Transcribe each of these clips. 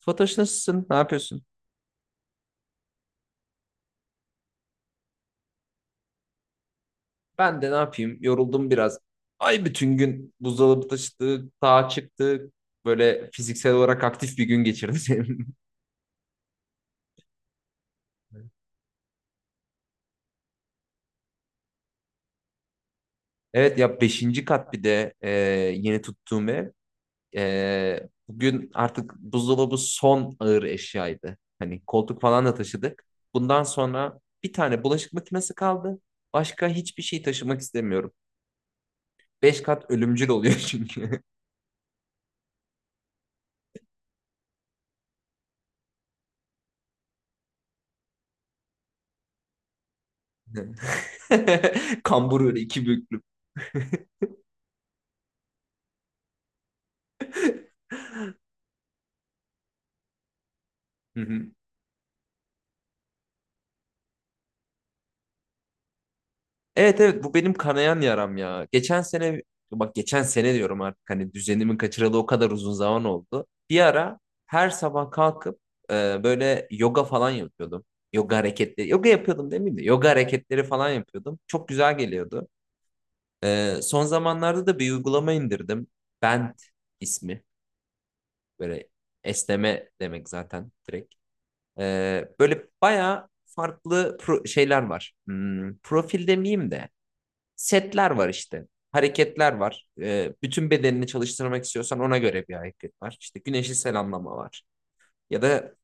Fatoş nasılsın? Ne yapıyorsun? Ben de ne yapayım? Yoruldum biraz. Ay bütün gün buzdolabı taşıdık, sağa çıktık. Böyle fiziksel olarak aktif bir gün geçirdim. Evet ya beşinci kat bir de yeni tuttuğum ev. Bugün artık buzdolabı son ağır eşyaydı. Hani koltuk falan da taşıdık. Bundan sonra bir tane bulaşık makinesi kaldı. Başka hiçbir şey taşımak istemiyorum. Beş kat ölümcül oluyor çünkü. Kambur öyle iki büklüm. Evet, evet, bu benim kanayan yaram ya. Geçen sene bak geçen sene diyorum artık hani düzenimi kaçıralı o kadar uzun zaman oldu. Bir ara her sabah kalkıp böyle yoga falan yapıyordum. Yoga hareketleri, yoga yapıyordum demeyeyim de yoga hareketleri falan yapıyordum. Çok güzel geliyordu. Son zamanlarda da bir uygulama indirdim. Bent ismi böyle esneme demek zaten direkt. Böyle bayağı farklı şeyler var. Profil demeyeyim de setler var işte. Hareketler var. Bütün bedenini çalıştırmak istiyorsan ona göre bir hareket var. İşte güneşi selamlama var. Ya da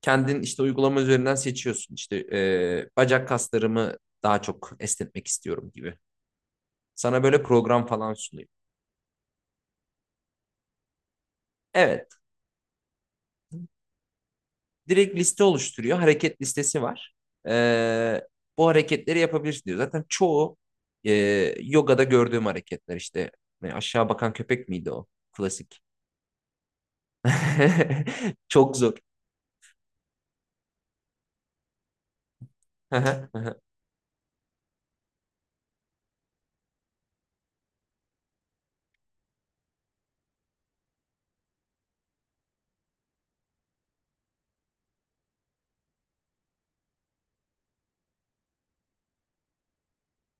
kendin işte uygulama üzerinden seçiyorsun. İşte bacak kaslarımı daha çok esnetmek istiyorum gibi. Sana böyle program falan sunuyor. Evet. Direkt liste oluşturuyor. Hareket listesi var. Ee, Bu hareketleri yapabilirsin diyor. Zaten çoğu e, yogada gördüğüm hareketler işte. Aşağı bakan köpek miydi o? Klasik. Çok zor. Hı hı, hı hı,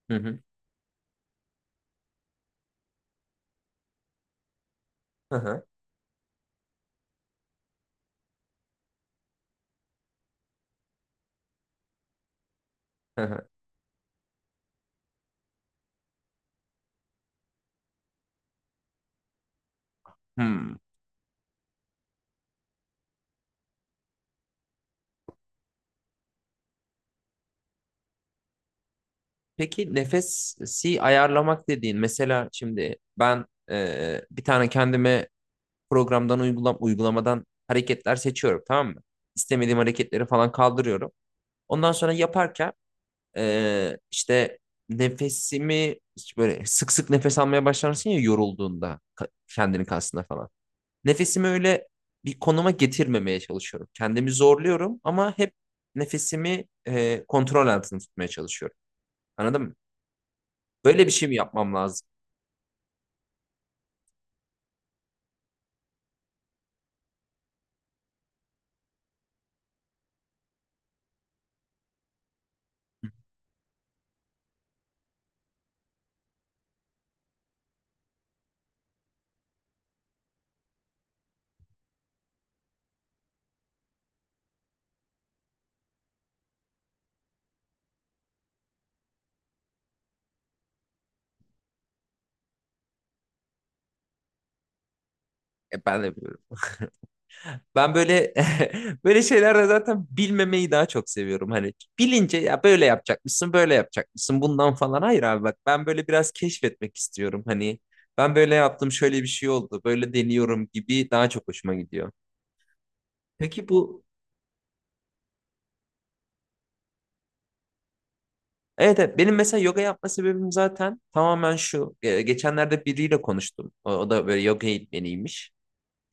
hı hı, hı hı, hı hı. Hmm. Peki nefesi ayarlamak dediğin mesela şimdi ben bir tane kendime programdan uygulamadan hareketler seçiyorum, tamam mı? İstemediğim hareketleri falan kaldırıyorum. Ondan sonra yaparken işte nefesimi işte böyle sık sık nefes almaya başlarsın ya yorulduğunda kendini kasında falan. Nefesimi öyle bir konuma getirmemeye çalışıyorum. Kendimi zorluyorum ama hep nefesimi kontrol altında tutmaya çalışıyorum. Anladın mı? Böyle bir şey mi yapmam lazım? Ben de bilmiyorum. Ben böyle böyle şeylerle zaten bilmemeyi daha çok seviyorum. Hani bilince ya böyle yapacakmışsın, böyle yapacakmışsın bundan falan. Hayır abi bak ben böyle biraz keşfetmek istiyorum. Hani ben böyle yaptım, şöyle bir şey oldu, böyle deniyorum gibi daha çok hoşuma gidiyor. Peki bu Evet, evet. Benim mesela yoga yapma sebebim zaten tamamen şu. Geçenlerde biriyle konuştum. O da böyle yoga eğitmeniymiş.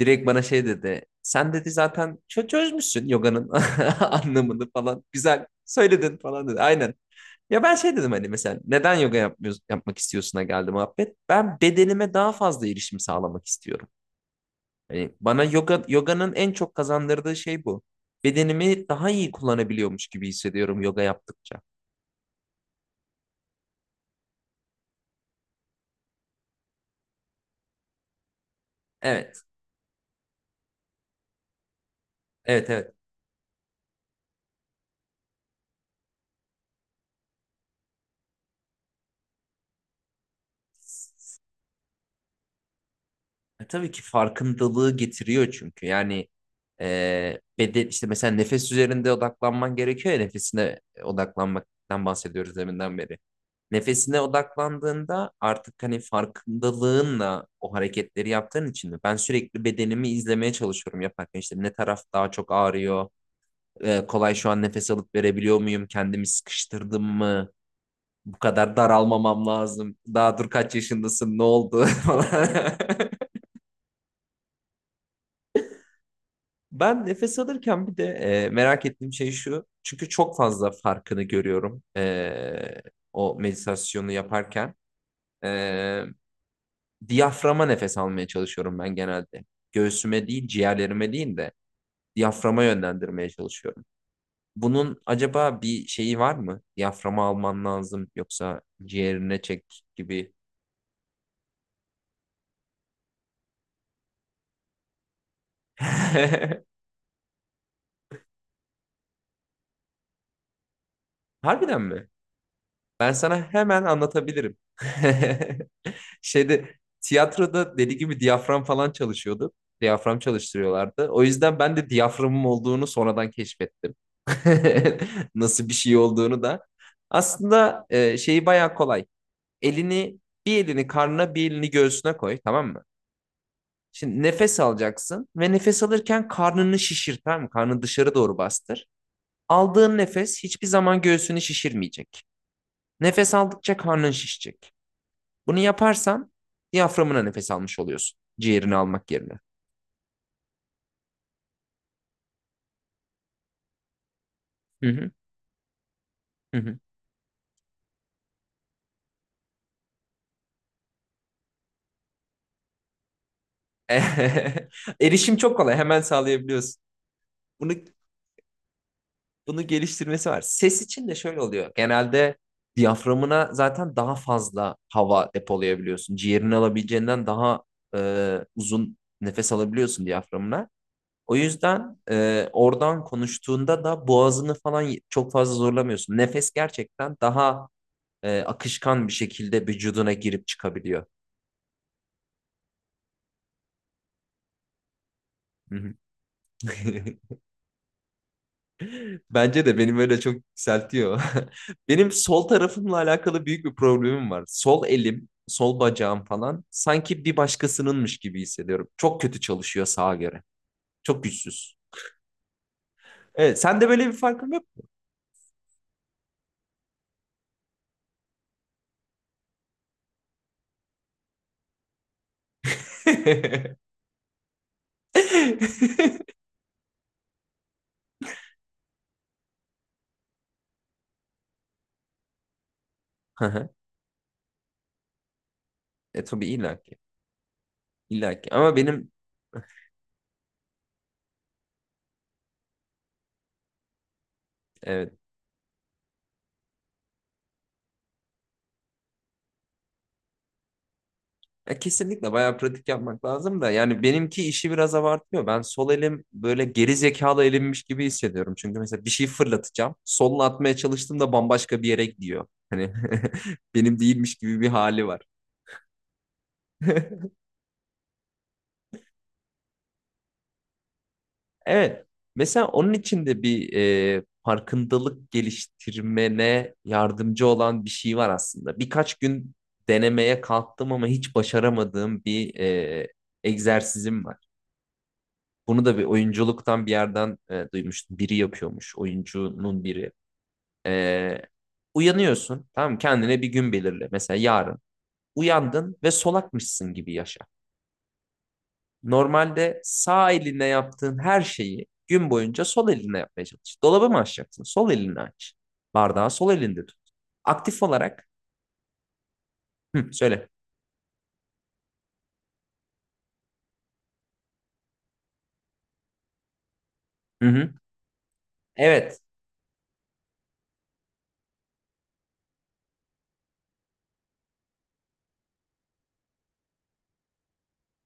Direkt bana şey dedi. Sen dedi zaten çözmüşsün yoganın anlamını falan. Güzel söyledin falan dedi. Aynen. Ya ben şey dedim hani mesela neden yoga yapmıyorsun, yapmak istiyorsun'a geldi muhabbet. Ben bedenime daha fazla erişim sağlamak istiyorum. Hani bana yoganın en çok kazandırdığı şey bu. Bedenimi daha iyi kullanabiliyormuş gibi hissediyorum yoga yaptıkça. Evet, evet, evet. Tabii ki farkındalığı getiriyor çünkü. Yani beden işte mesela nefes üzerinde odaklanman gerekiyor ya, nefesine odaklanmaktan bahsediyoruz deminden beri. Nefesine odaklandığında artık hani farkındalığınla o hareketleri yaptığın için de ben sürekli bedenimi izlemeye çalışıyorum yaparken, işte ne taraf daha çok ağrıyor, kolay şu an nefes alıp verebiliyor muyum, kendimi sıkıştırdım mı, bu kadar daralmamam lazım, daha dur kaç yaşındasın, ne oldu falan. Ben nefes alırken bir de merak ettiğim şey şu. Çünkü çok fazla farkını görüyorum o meditasyonu yaparken. E, Diyaframa nefes almaya çalışıyorum ben genelde. Göğsüme değil, ciğerlerime değil de diyaframa yönlendirmeye çalışıyorum. Bunun acaba bir şeyi var mı? Diyaframa alman lazım yoksa ciğerine çek gibi. Harbiden mi? Ben sana hemen anlatabilirim. Şeyde tiyatroda deli gibi diyafram falan çalışıyordu. Diyafram çalıştırıyorlardı. O yüzden ben de diyaframım olduğunu sonradan keşfettim. Nasıl bir şey olduğunu da. Aslında şeyi bayağı kolay. Elini Bir elini karnına, bir elini göğsüne koy, tamam mı? Şimdi nefes alacaksın ve nefes alırken karnını şişir, tamam mı? Karnını dışarı doğru bastır. Aldığın nefes hiçbir zaman göğsünü şişirmeyecek. Nefes aldıkça karnın şişecek. Bunu yaparsan diyaframına nefes almış oluyorsun. Ciğerini almak yerine. Hı hı, hı hı. Erişim çok kolay. Hemen sağlayabiliyorsun. Bunu bunu geliştirmesi var. Ses için de şöyle oluyor. Genelde diyaframına zaten daha fazla hava depolayabiliyorsun. Ciğerini alabileceğinden daha uzun nefes alabiliyorsun diyaframına. O yüzden oradan konuştuğunda da boğazını falan çok fazla zorlamıyorsun. Nefes gerçekten daha akışkan bir şekilde vücuduna girip çıkabiliyor. Hı hı. Bence de benim öyle çok yükseltiyor. Benim sol tarafımla alakalı büyük bir problemim var. Sol elim, sol bacağım falan sanki bir başkasınınmış gibi hissediyorum. Çok kötü çalışıyor sağa göre. Çok güçsüz. Evet, sende böyle bir farkın yok. Hı hı. Tabii illaki. Illaki. Ama benim evet Ya kesinlikle bayağı pratik yapmak lazım da yani benimki işi biraz abartıyor. Ben sol elim böyle geri zekalı elimmiş gibi hissediyorum. Çünkü mesela bir şey fırlatacağım. Solla atmaya çalıştığımda bambaşka bir yere gidiyor. Hani benim değilmiş gibi bir hali var. Evet. Mesela onun için de bir farkındalık geliştirmene yardımcı olan bir şey var aslında. Birkaç gün denemeye kalktım ama hiç başaramadığım bir egzersizim var. Bunu da bir oyunculuktan bir yerden duymuştum. Biri yapıyormuş. Oyuncunun biri. E, Uyanıyorsun. Tamam mı? Kendine bir gün belirle. Mesela yarın. Uyandın ve solakmışsın gibi yaşa. Normalde sağ eline yaptığın her şeyi gün boyunca sol eline yapmaya çalış. Dolabı mı açacaksın? Sol elinle aç. Bardağı sol elinde tut. Aktif olarak. Hı, söyle. Hı hı. Evet.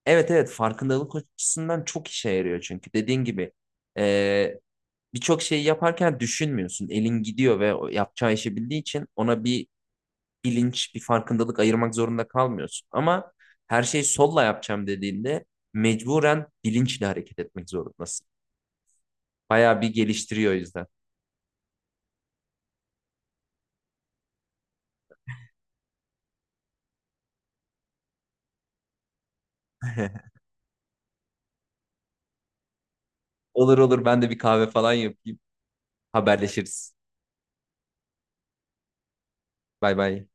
Evet, evet, farkındalık açısından çok işe yarıyor çünkü dediğin gibi e, birçok şeyi yaparken düşünmüyorsun. Elin gidiyor ve o yapacağı işi bildiği için ona bir bilinç, bir farkındalık ayırmak zorunda kalmıyorsun. Ama her şeyi solla yapacağım dediğinde mecburen bilinçle hareket etmek zorundasın. Bayağı bir geliştiriyor o yüzden. Olur, olur, ben de bir kahve falan yapayım. Haberleşiriz. Bay bay.